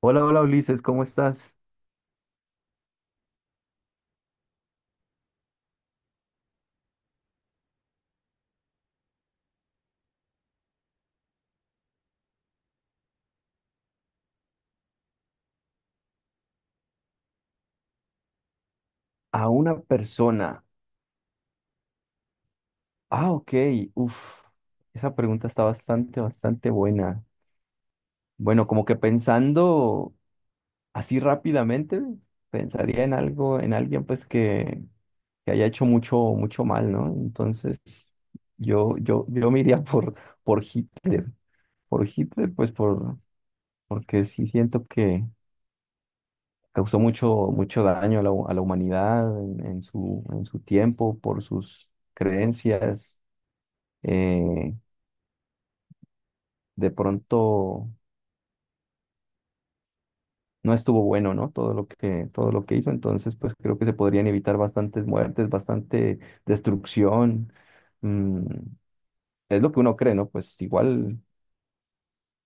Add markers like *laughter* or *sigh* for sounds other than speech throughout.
Hola, hola Ulises, ¿cómo estás? A una persona. Ah, ok. Uf, esa pregunta está bastante, bastante buena. Bueno, como que pensando así rápidamente, pensaría en algo, en alguien pues que haya hecho mucho, mucho mal, ¿no? Entonces, yo me iría *laughs* por Hitler. Por Hitler, pues por, porque sí siento que causó mucho, mucho daño a a la humanidad en su tiempo, por sus creencias eh, de pronto no estuvo bueno, ¿no? Todo lo que hizo, entonces pues creo que se podrían evitar bastantes muertes, bastante destrucción. Mm, es lo que uno cree, ¿no? Pues igual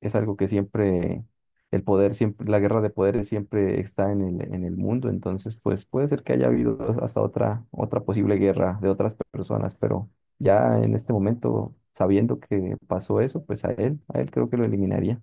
es algo que siempre, el poder siempre, la guerra de poderes siempre está en el mundo, entonces pues puede ser que haya habido hasta otra, otra posible guerra de otras personas, pero ya en este momento, sabiendo que pasó eso, pues a él creo que lo eliminaría.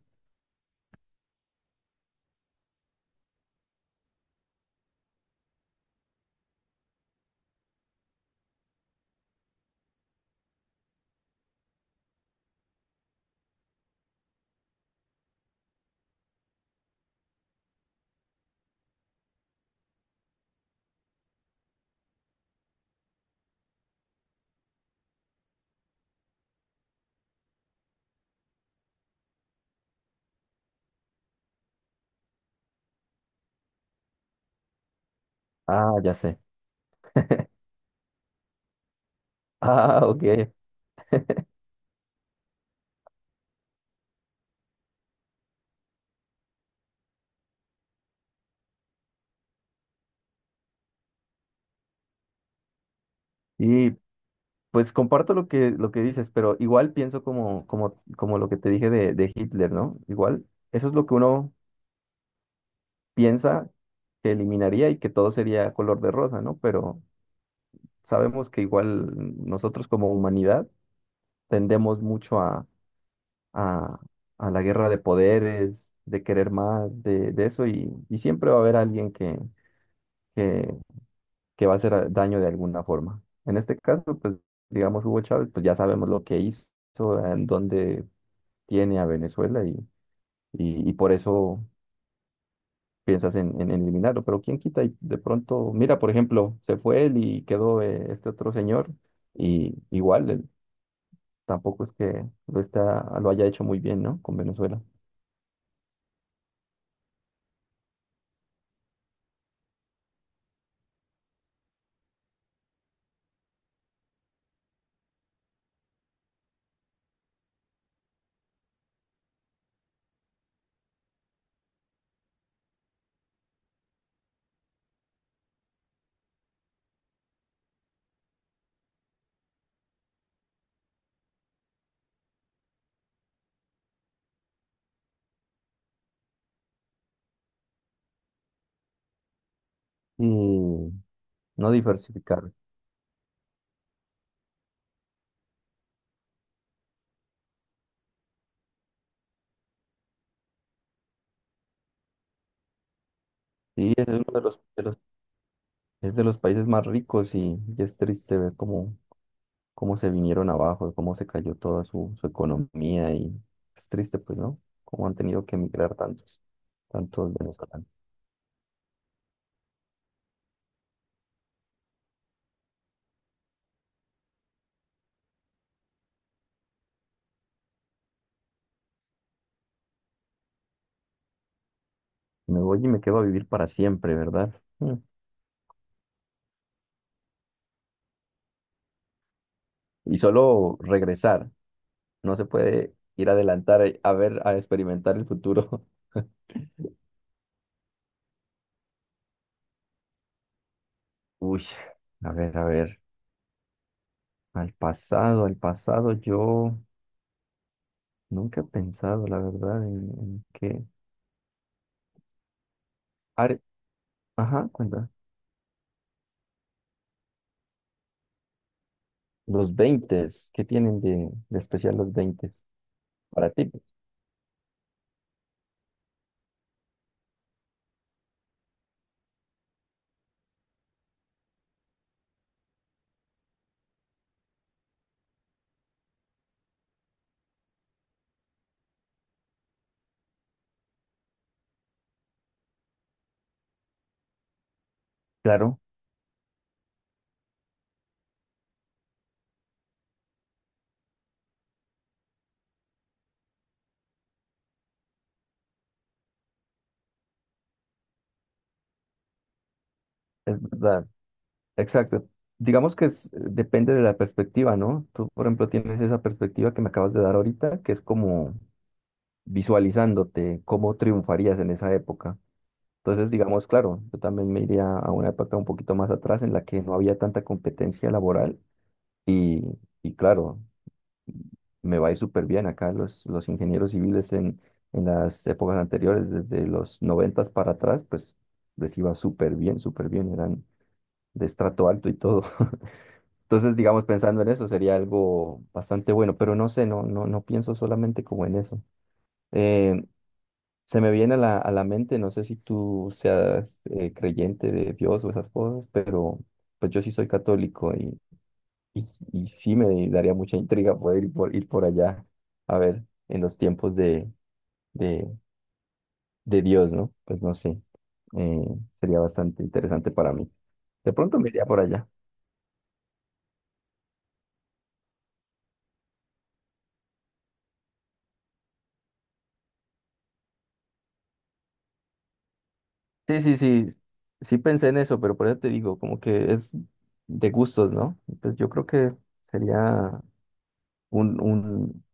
Ah, ya sé. Ah, ok. Y pues comparto lo que dices, pero igual pienso como, como, como lo que te dije de Hitler, ¿no? Igual, eso es lo que uno piensa que eliminaría y que todo sería color de rosa, ¿no? Pero sabemos que igual nosotros como humanidad tendemos mucho a, a la guerra de poderes, de querer más, de eso, y siempre va a haber alguien que va a hacer daño de alguna forma. En este caso, pues digamos Hugo Chávez, pues ya sabemos lo que hizo, en dónde tiene a Venezuela y por eso piensas en eliminarlo. Pero quién quita y de pronto, mira, por ejemplo, se fue él y quedó este otro señor y igual él tampoco es que lo está, lo haya hecho muy bien, ¿no? Con Venezuela. Y no diversificar. Sí, es uno de los, es de los países más ricos y es triste ver cómo cómo se vinieron abajo, de cómo se cayó toda su, su economía y es triste, pues, ¿no? Cómo han tenido que emigrar tantos, tantos venezolanos. Me voy y me quedo a vivir para siempre, ¿verdad? Mm. Y solo regresar, no se puede ir adelantar a ver, a experimentar el futuro. *laughs* Uy, a ver, al pasado, yo nunca he pensado, la verdad, en qué… Are- Ajá, cuenta. Los 20, ¿qué tienen de especial los 20 para ti? Claro. Es verdad, exacto. Digamos que depende de la perspectiva, ¿no? Tú, por ejemplo, tienes esa perspectiva que me acabas de dar ahorita, que es como visualizándote cómo triunfarías en esa época. Entonces, digamos, claro, yo también me iría a una época un poquito más atrás en la que no había tanta competencia laboral y, y claro, me va a ir súper bien acá los ingenieros civiles en las épocas anteriores, desde los noventas para atrás, pues les iba súper bien, eran de estrato alto y todo. *laughs* Entonces, digamos, pensando en eso sería algo bastante bueno, pero no sé, no, no, no pienso solamente como en eso. Eh, se me viene a la mente, no sé si tú seas creyente de Dios o esas cosas, pero pues yo sí soy católico y sí me daría mucha intriga poder ir por, ir por allá, a ver, en los tiempos de, de Dios, ¿no? Pues no sé, eh, sería bastante interesante para mí. De pronto me iría por allá. Sí, sí, sí, sí pensé en eso, pero por eso te digo, como que es de gustos, ¿no? Pues yo creo que sería un,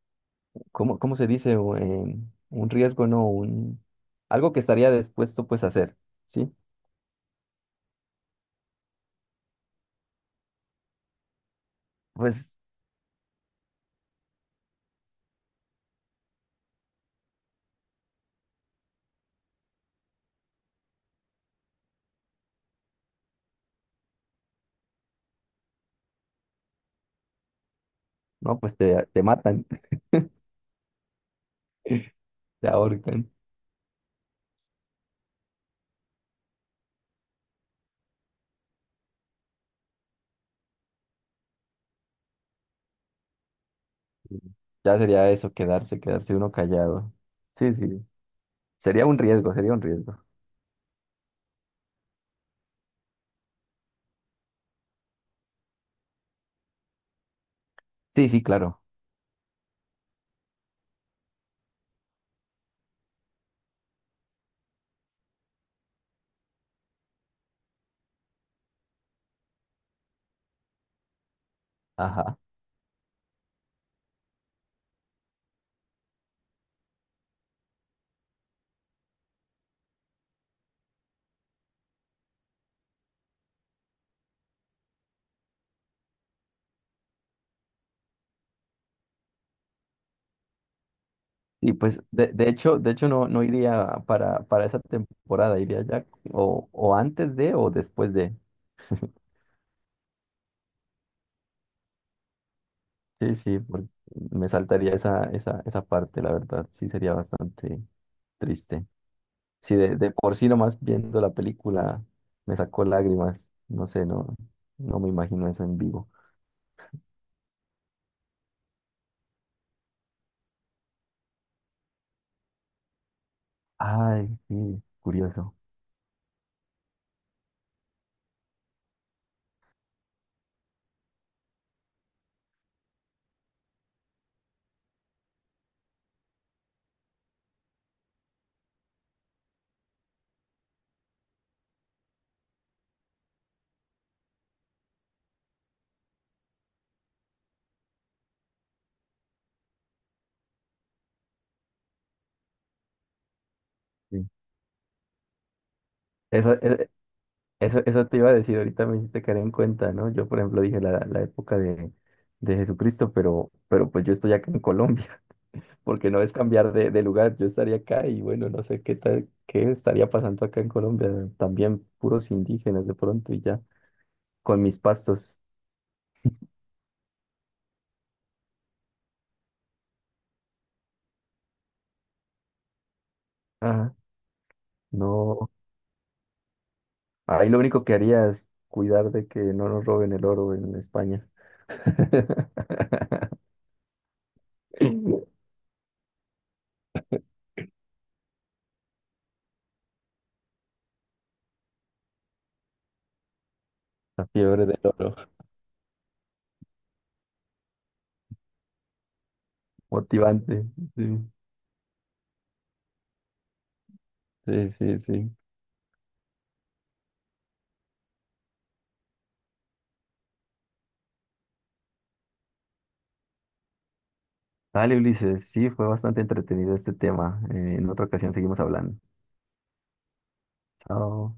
¿cómo, cómo se dice? Un riesgo, ¿no? Un, algo que estaría dispuesto pues a hacer, ¿sí? Pues, no, pues te matan, *laughs* te ahorcan. Ya sería eso, quedarse, quedarse uno callado. Sí, sí, sería un riesgo, sería un riesgo. Sí, sí, claro. Ajá. Y pues de hecho no, no iría para esa temporada, iría ya o antes de o después de. Sí, sí, porque me saltaría esa, esa, esa parte, la verdad, sí sería bastante triste. Sí, de por sí nomás viendo la película me sacó lágrimas, no sé, no, no me imagino eso en vivo. Ay, sí, curioso. Sí. Esa, eso, eso te iba a decir, ahorita me hiciste caer en cuenta, ¿no? Yo, por ejemplo, dije la, la época de Jesucristo, pero pues yo estoy acá en Colombia, *laughs* porque no es cambiar de lugar, yo estaría acá y bueno, no sé qué tal, qué estaría pasando acá en Colombia, también puros indígenas de pronto y ya, con mis pastos. Ajá, no, ahí lo único que haría es cuidar de que no nos roben el oro en España. *laughs* La fiebre del oro, *laughs* motivante, sí, sí, sí, sí. Dale, Ulises, sí, fue bastante entretenido este tema. En otra ocasión seguimos hablando. Chao.